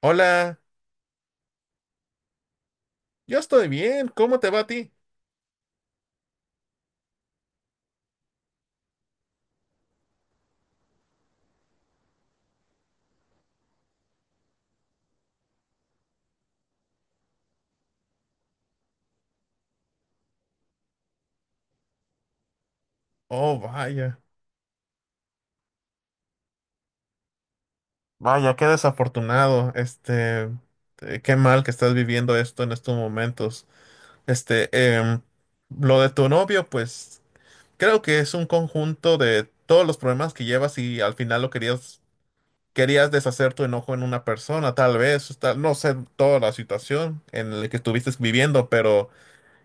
Hola, yo estoy bien, ¿cómo te va a ti? Oh, vaya, vaya, qué desafortunado, qué mal que estás viviendo esto en estos momentos. Este, em, lo de tu novio, pues, creo que es un conjunto de todos los problemas que llevas y al final querías deshacer tu enojo en una persona, tal vez, no sé toda la situación en la que estuviste viviendo, pero...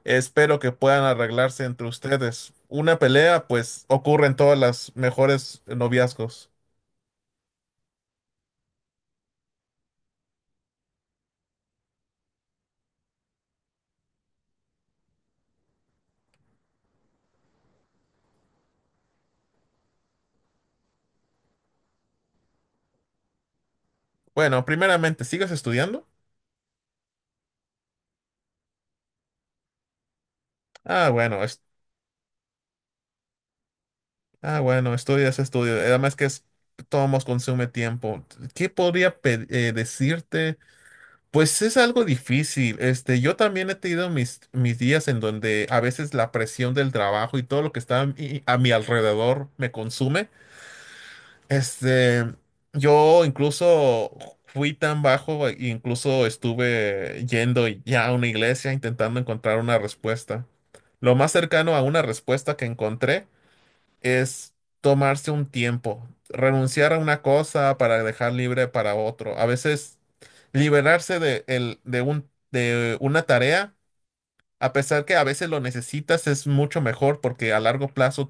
Espero que puedan arreglarse entre ustedes. Una pelea, pues, ocurre en todas las mejores noviazgos. Bueno, primeramente, ¿sigues estudiando? Ah, bueno, es- ah, bueno, estudio. Además que es, todo consume tiempo. ¿Qué podría decirte? Pues es algo difícil. Este, yo también he tenido mis días en donde a veces la presión del trabajo y todo lo que está a mi alrededor me consume. Este, yo incluso fui tan bajo, e incluso estuve yendo ya a una iglesia intentando encontrar una respuesta. Lo más cercano a una respuesta que encontré es tomarse un tiempo, renunciar a una cosa para dejar libre para otro. A veces liberarse de, el- de un, de una tarea, a pesar que a veces lo necesitas, es mucho mejor porque a largo plazo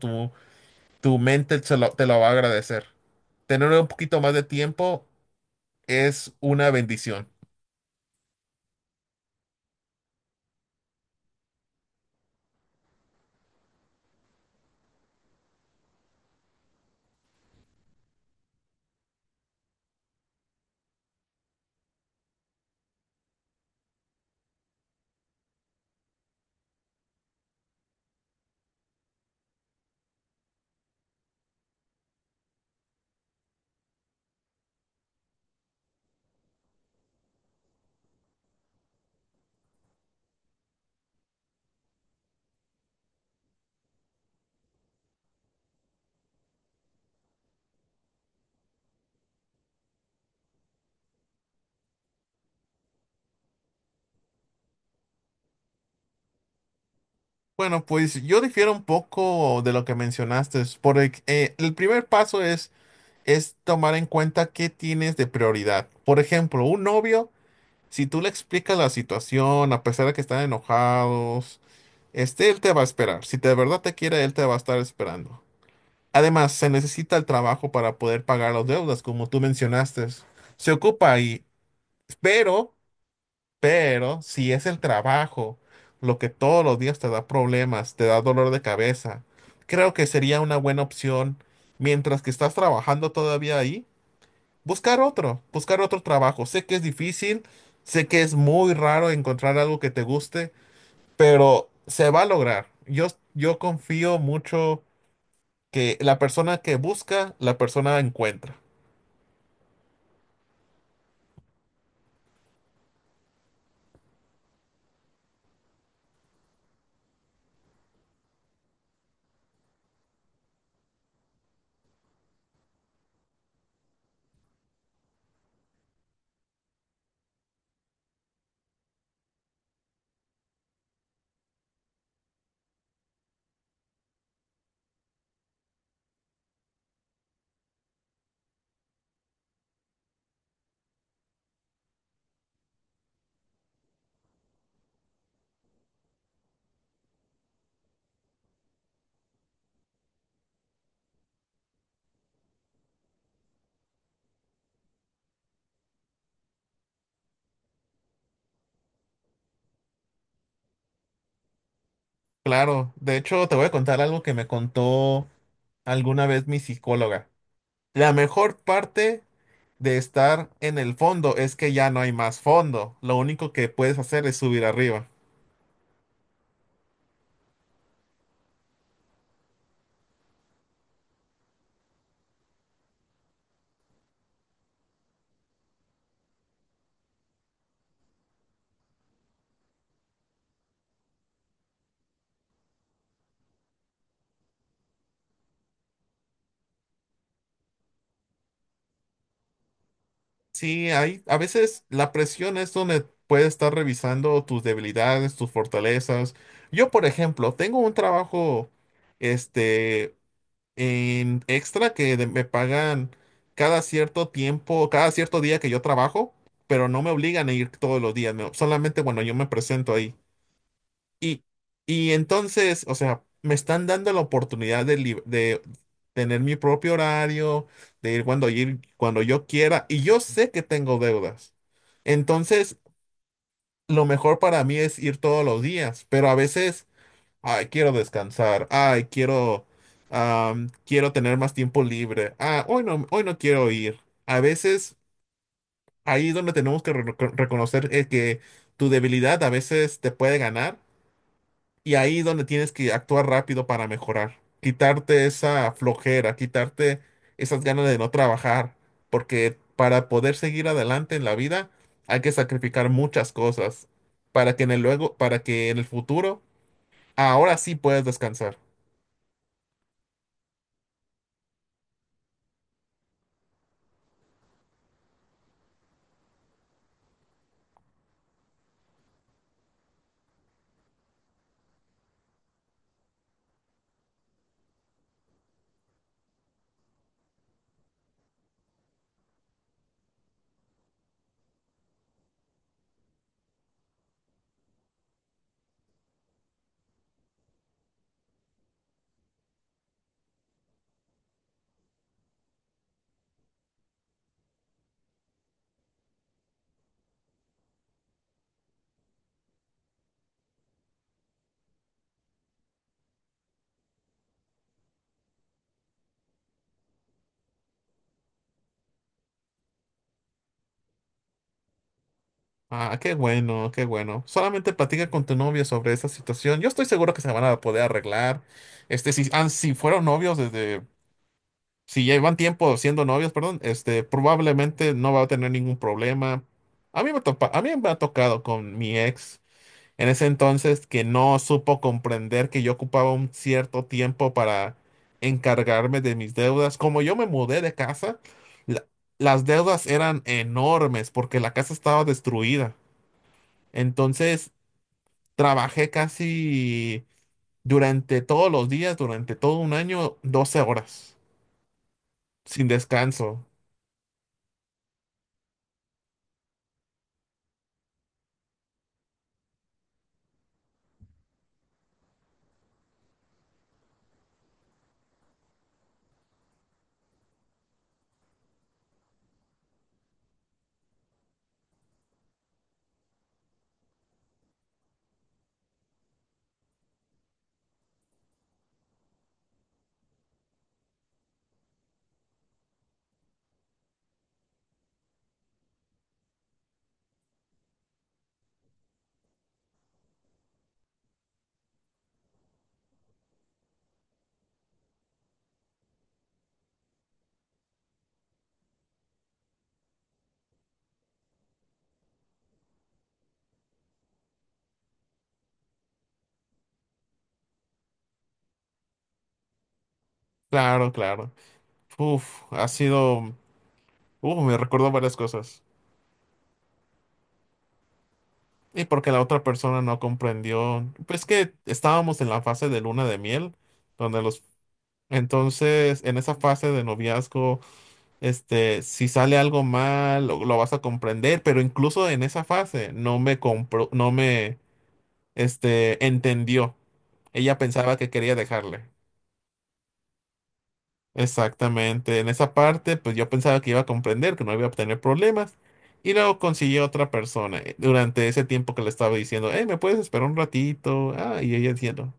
tu mente se lo- te lo va a agradecer. Tener un poquito más de tiempo es una bendición. Bueno, pues yo difiero un poco de lo que mencionaste, porque el primer paso es tomar en cuenta qué tienes de prioridad. Por ejemplo, un novio, si tú le explicas la situación, a pesar de que están enojados, este, él te va a esperar. Si de verdad te quiere, él te va a estar esperando. Además, se necesita el trabajo para poder pagar las deudas, como tú mencionaste. Se ocupa ahí, pero... Pero si es el trabajo lo que todos los días te da problemas, te da dolor de cabeza, creo que sería una buena opción, mientras que estás trabajando todavía ahí, buscar otro trabajo. Sé que es difícil, sé que es muy raro encontrar algo que te guste, pero se va a lograr. Yo confío mucho que la persona que busca, la persona encuentra. Claro, de hecho te voy a contar algo que me contó alguna vez mi psicóloga. La mejor parte de estar en el fondo es que ya no hay más fondo. Lo único que puedes hacer es subir arriba. Sí, hay, a veces la presión es donde puedes estar revisando tus debilidades, tus fortalezas. Yo, por ejemplo, tengo un trabajo este en extra que me pagan cada cierto tiempo, cada cierto día que yo trabajo, pero no me obligan a ir todos los días, no, solamente cuando yo me presento ahí. Y, y entonces, o sea, me están dando la oportunidad de tener mi propio horario, ir cuando yo quiera, y yo sé que tengo deudas. Entonces, lo mejor para mí es ir todos los días, pero a veces, ay, quiero descansar, ay, quiero tener más tiempo libre, ah, hoy no quiero ir. A veces, ahí es donde tenemos que reconocer que tu debilidad a veces te puede ganar y ahí es donde tienes que actuar rápido para mejorar, quitarte esa flojera, quitarte esas ganas de no trabajar, porque para poder seguir adelante en la vida hay que sacrificar muchas cosas para que en el futuro, ahora sí puedes descansar. Ah, qué bueno, qué bueno. Solamente platica con tu novio sobre esa situación. Yo estoy seguro que se van a poder arreglar. Este, si fueron novios desde si llevan tiempo siendo novios, perdón, este, probablemente no va a tener ningún problema. A mí me ha tocado con mi ex en ese entonces que no supo comprender que yo ocupaba un cierto tiempo para encargarme de mis deudas. Como yo me mudé de casa, la- las deudas eran enormes porque la casa estaba destruida. Entonces, trabajé casi durante todos los días, durante todo un año, 12 horas, sin descanso. Claro, claro. Uf, ha sido, uf, me recordó varias cosas. Y porque la otra persona no comprendió, pues que estábamos en la fase de luna de miel, donde los, entonces en esa fase de noviazgo, este, si sale algo mal, lo vas a comprender, pero incluso en esa fase no me compró, no me, este, entendió. Ella pensaba que quería dejarle. Exactamente, en esa parte pues yo pensaba que iba a comprender, que no iba a tener problemas y luego conseguí otra persona durante ese tiempo que le estaba diciendo, hey, ¿me puedes esperar un ratito? Ah, y ella diciendo,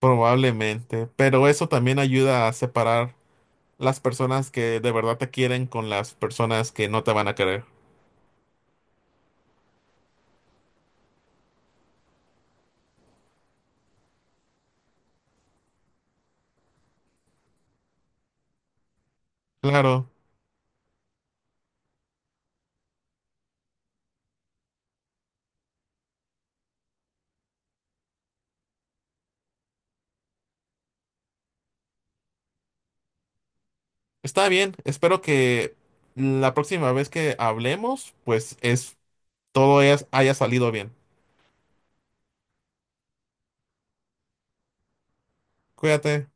probablemente, pero eso también ayuda a separar las personas que de verdad te quieren con las personas que no te van a querer. Claro, está bien, espero que la próxima vez que hablemos pues haya salido bien. Cuídate.